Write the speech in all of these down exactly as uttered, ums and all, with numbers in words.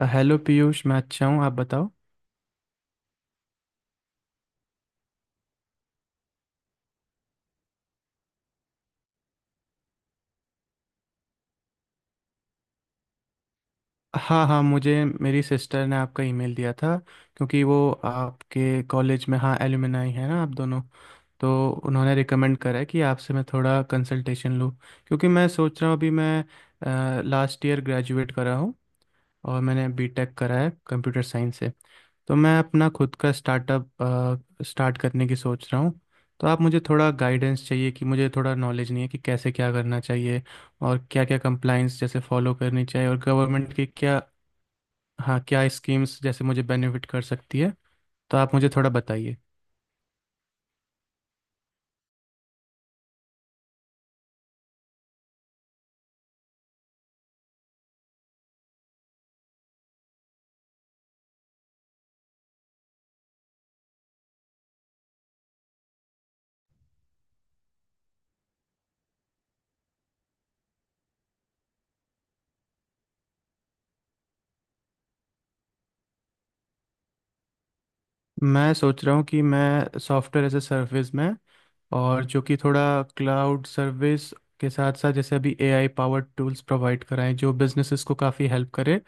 अ, hello Piyush. मैं अच्छा हूँ, आप बताओ। हाँ, हाँ, मुझे मेरी सिस्टर ने आपका ईमेल दिया था, क्योंकि वो आपके कॉलेज में, हाँ, एलुमनाई है ना, आप दोनों। तो उन्होंने रिकमेंड करा है कि आपसे मैं थोड़ा कंसल्टेशन लूँ, क्योंकि मैं सोच रहा हूँ, अभी मैं लास्ट ईयर ग्रेजुएट करा हूँ, और मैंने बीटेक करा है कंप्यूटर साइंस से। तो मैं अपना खुद का स्टार्टअप स्टार्ट करने की सोच रहा हूँ। तो आप मुझे थोड़ा गाइडेंस चाहिए, कि मुझे थोड़ा नॉलेज नहीं है कि कैसे क्या करना चाहिए, और क्या क्या कंप्लाइंस जैसे फॉलो करनी चाहिए, और गवर्नमेंट की क्या, हाँ, क्या स्कीम्स जैसे मुझे बेनिफिट कर सकती है। तो आप मुझे थोड़ा बताइए। मैं सोच रहा हूँ कि मैं सॉफ्टवेयर एज ए सर्विस में, और जो कि थोड़ा क्लाउड सर्विस के साथ साथ, जैसे अभी एआई पावर्ड टूल्स प्रोवाइड कराएं जो बिजनेसेस को काफ़ी हेल्प करे,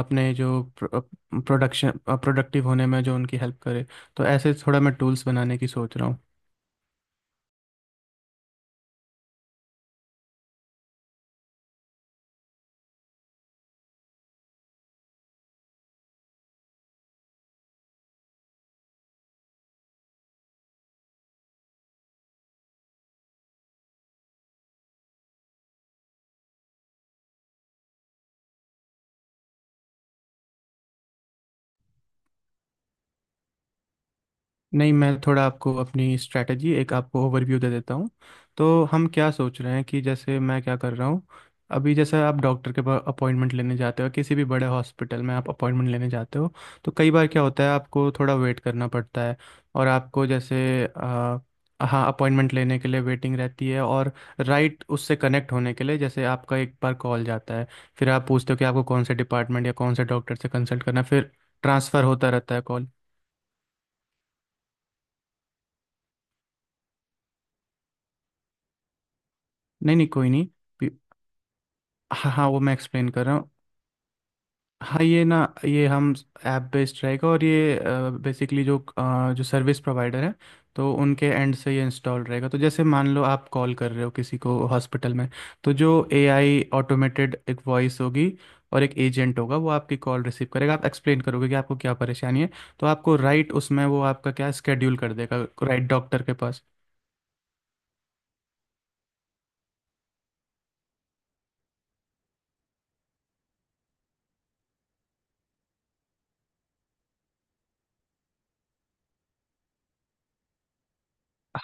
आपने जो प्रोडक्शन प्रोडक्टिव होने में जो उनकी हेल्प करे। तो ऐसे थोड़ा मैं टूल्स बनाने की सोच रहा हूँ। नहीं, मैं थोड़ा आपको अपनी स्ट्रैटेजी, एक आपको ओवरव्यू दे देता हूँ। तो हम क्या सोच रहे हैं, कि जैसे मैं क्या कर रहा हूँ, अभी जैसे आप डॉक्टर के पास अपॉइंटमेंट लेने जाते हो, किसी भी बड़े हॉस्पिटल में आप अपॉइंटमेंट लेने जाते हो, तो कई बार क्या होता है, आपको थोड़ा वेट करना पड़ता है, और आपको जैसे अ, हाँ, अपॉइंटमेंट लेने के लिए वेटिंग रहती है, और राइट, उससे कनेक्ट होने के लिए, जैसे आपका एक बार कॉल जाता है, फिर आप पूछते हो कि आपको कौन से डिपार्टमेंट या कौन से डॉक्टर से कंसल्ट करना है, फिर ट्रांसफ़र होता रहता है कॉल। नहीं, नहीं, कोई नहीं। हाँ, हाँ, वो मैं एक्सप्लेन कर रहा हूँ। हाँ, ये ना, ये हम ऐप बेस्ड रहेगा, और ये बेसिकली जो अ, जो सर्विस प्रोवाइडर है, तो उनके एंड से ये इंस्टॉल रहेगा। तो जैसे मान लो, आप कॉल कर रहे हो किसी को हॉस्पिटल में, तो जो एआई ऑटोमेटेड एक वॉइस होगी और एक एजेंट होगा, वो आपकी कॉल रिसीव करेगा। आप एक्सप्लेन करोगे कि आपको क्या परेशानी है, तो आपको राइट उसमें वो आपका क्या स्केड्यूल कर देगा, राइट डॉक्टर के पास।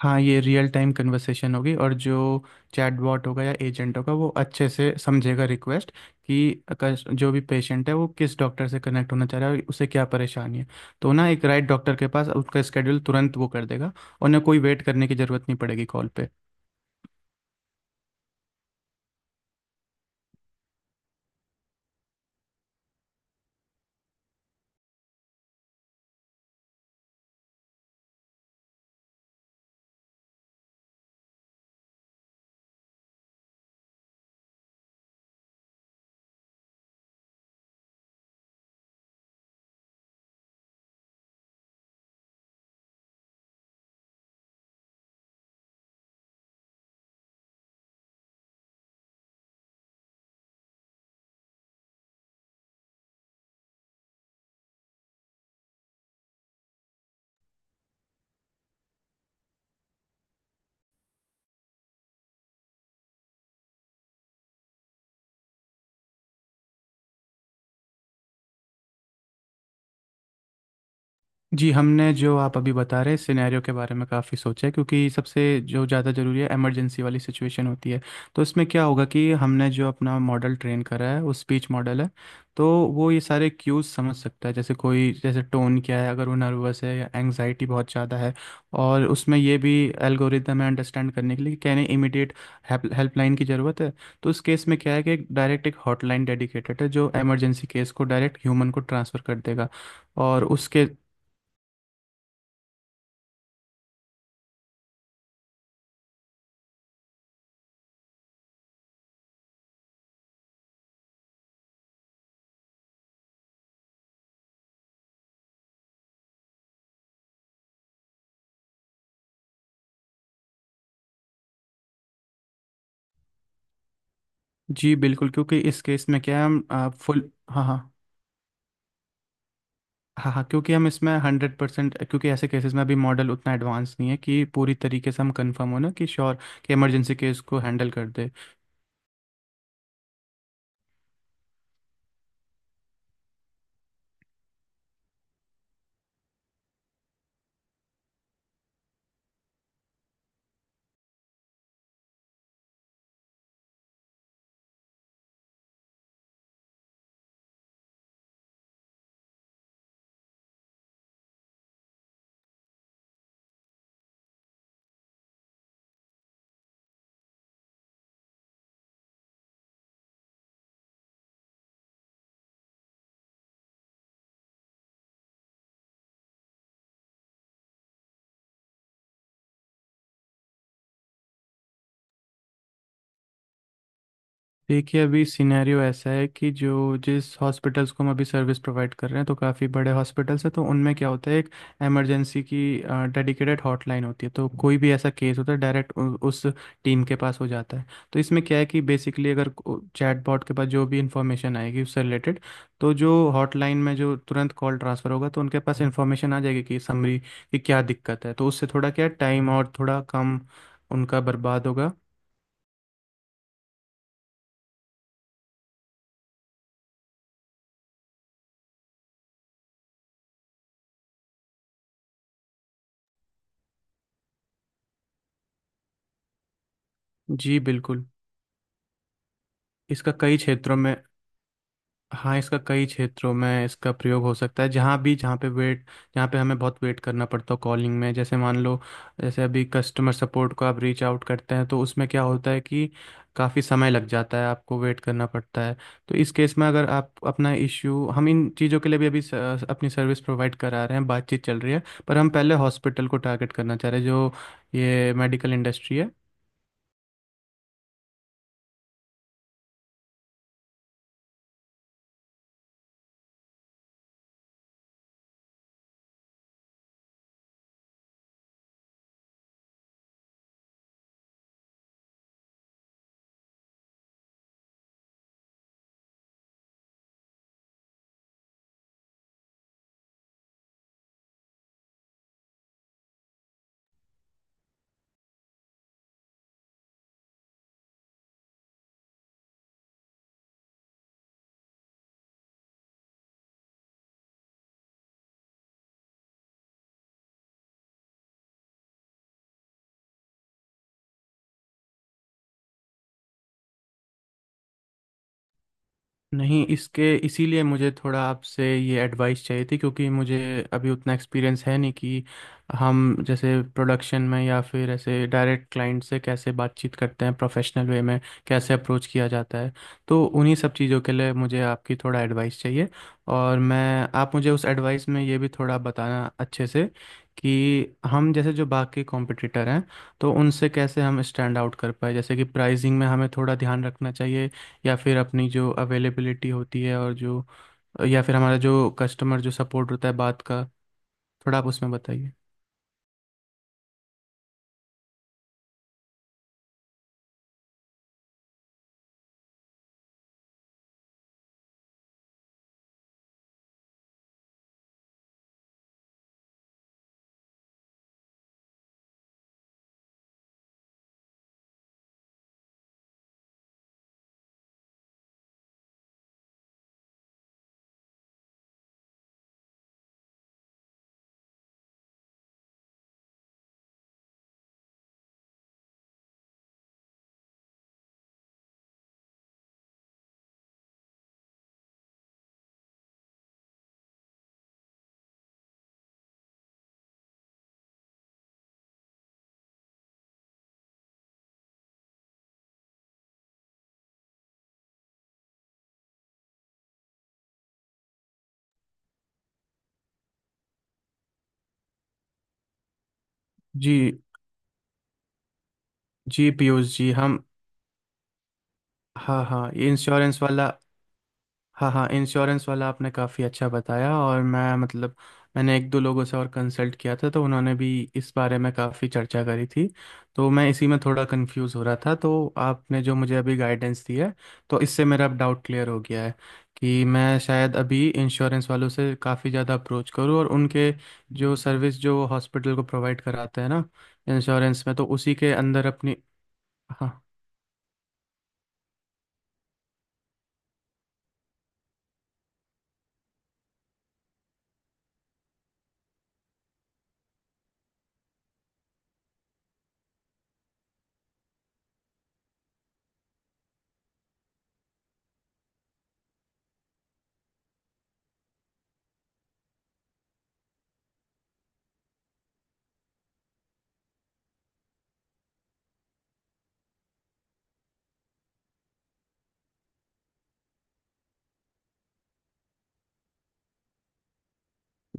हाँ, ये रियल टाइम कन्वर्सेशन होगी, और जो चैटबॉट होगा या एजेंट होगा, वो अच्छे से समझेगा रिक्वेस्ट, कि कस- जो भी पेशेंट है, वो किस डॉक्टर से कनेक्ट होना चाह रहा है और उसे क्या परेशानी है। तो ना एक राइट डॉक्टर के पास उसका स्केड्यूल तुरंत वो कर देगा, और ना कोई वेट करने की ज़रूरत नहीं पड़ेगी कॉल पे। जी, हमने जो आप अभी बता रहे सिनेरियो के बारे में काफ़ी सोचा है, क्योंकि सबसे जो ज़्यादा ज़रूरी है इमरजेंसी वाली सिचुएशन होती है। तो इसमें क्या होगा कि हमने जो अपना मॉडल ट्रेन करा है वो स्पीच मॉडल है। तो वो ये सारे क्यूज समझ सकता है, जैसे कोई जैसे टोन क्या है, अगर वो नर्वस है या एंग्जाइटी बहुत ज़्यादा है, और उसमें ये भी एल्गोरिदम है अंडरस्टैंड करने के लिए, कि कहने इमीडिएट हेल्पलाइन की ज़रूरत है। तो इस केस में क्या है कि एक डायरेक्ट एक हॉटलाइन डेडिकेटेड है, जो इमरजेंसी केस को डायरेक्ट ह्यूमन को ट्रांसफ़र कर देगा, और उसके। जी बिल्कुल, क्योंकि इस केस में क्या है, हम आ, फुल, हाँ, हाँ, हाँ, हाँ, क्योंकि हम इसमें हंड्रेड परसेंट, क्योंकि ऐसे केसेस में अभी मॉडल उतना एडवांस नहीं है कि पूरी तरीके से हम कंफर्म हो ना कि श्योर, कि इमरजेंसी केस को हैंडल कर दे। देखिए, अभी सिनेरियो ऐसा है कि जो जिस हॉस्पिटल्स को हम अभी सर्विस प्रोवाइड कर रहे हैं, तो काफ़ी बड़े हॉस्पिटल्स हैं। तो उनमें क्या होता है, एक इमरजेंसी की डेडिकेटेड हॉटलाइन होती है, तो कोई भी ऐसा केस होता है, डायरेक्ट उस टीम के पास हो जाता है। तो इसमें क्या है कि बेसिकली, अगर चैटबॉट के पास जो भी इंफॉर्मेशन आएगी उससे रिलेटेड, तो जो हॉटलाइन में जो तुरंत कॉल ट्रांसफ़र होगा, तो उनके पास इंफॉर्मेशन आ जाएगी, कि समरी कि क्या दिक्कत है। तो उससे थोड़ा क्या टाइम और थोड़ा कम उनका बर्बाद होगा। जी बिल्कुल। इसका कई क्षेत्रों में, हाँ, इसका कई क्षेत्रों में इसका प्रयोग हो सकता है। जहाँ भी जहाँ पे वेट, जहाँ पे हमें बहुत वेट करना पड़ता है कॉलिंग में, जैसे मान लो, जैसे अभी कस्टमर सपोर्ट को आप रीच आउट करते हैं, तो उसमें क्या होता है कि काफ़ी समय लग जाता है, आपको वेट करना पड़ता है। तो इस केस में अगर आप अपना इश्यू, हम इन चीज़ों के लिए भी अभी स, अपनी सर्विस प्रोवाइड करा रहे हैं, बातचीत चल रही है, पर हम पहले हॉस्पिटल को टारगेट करना चाह रहे हैं, जो ये मेडिकल इंडस्ट्री है। नहीं, इसके इसीलिए मुझे थोड़ा आपसे ये एडवाइस चाहिए थी, क्योंकि मुझे अभी उतना एक्सपीरियंस है नहीं कि हम जैसे प्रोडक्शन में या फिर ऐसे डायरेक्ट क्लाइंट से कैसे बातचीत करते हैं, प्रोफेशनल वे में कैसे अप्रोच किया जाता है। तो उन्हीं सब चीज़ों के लिए मुझे आपकी थोड़ा एडवाइस चाहिए। और मैं आप मुझे उस एडवाइस में ये भी थोड़ा बताना अच्छे से, कि हम जैसे जो बाकी कॉम्पिटिटर हैं, तो उनसे कैसे हम स्टैंड आउट कर पाए। जैसे कि प्राइसिंग में हमें थोड़ा ध्यान रखना चाहिए, या फिर अपनी जो अवेलेबिलिटी होती है, और जो, या फिर हमारा जो कस्टमर जो सपोर्ट होता है बात का, थोड़ा आप उसमें बताइए। जी। जी पीयूष जी, हम, हाँ, हाँ, ये इंश्योरेंस वाला, हाँ, हाँ, इंश्योरेंस वाला आपने काफ़ी अच्छा बताया, और मैं मतलब, मैंने एक दो लोगों से और कंसल्ट किया था, तो उन्होंने भी इस बारे में काफ़ी चर्चा करी थी, तो मैं इसी में थोड़ा कंफ्यूज हो रहा था। तो आपने जो मुझे अभी गाइडेंस दी है, तो इससे मेरा अब डाउट क्लियर हो गया है, कि मैं शायद अभी इंश्योरेंस वालों से काफ़ी ज़्यादा अप्रोच करूँ, और उनके जो सर्विस जो हॉस्पिटल को प्रोवाइड कराते हैं ना, इंश्योरेंस में, तो उसी के अंदर अपनी, हाँ,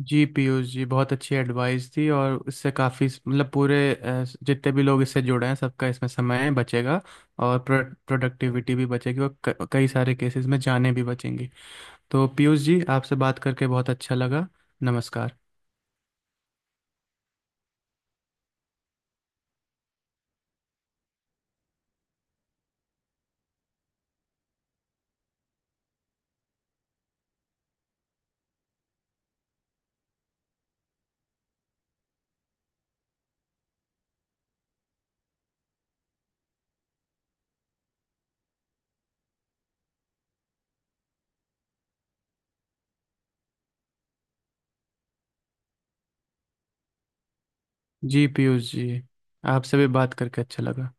जी पीयूष जी, बहुत अच्छी एडवाइस थी, और इससे काफ़ी मतलब पूरे अ, जितने भी लोग इससे जुड़े हैं, सबका इसमें समय बचेगा, और प्रोडक्टिविटी भी बचेगी, और क- कई सारे केसेस में जानें भी बचेंगी। तो पीयूष जी, आपसे बात करके बहुत अच्छा लगा। नमस्कार। जी पीयूष जी, आपसे भी बात करके अच्छा लगा।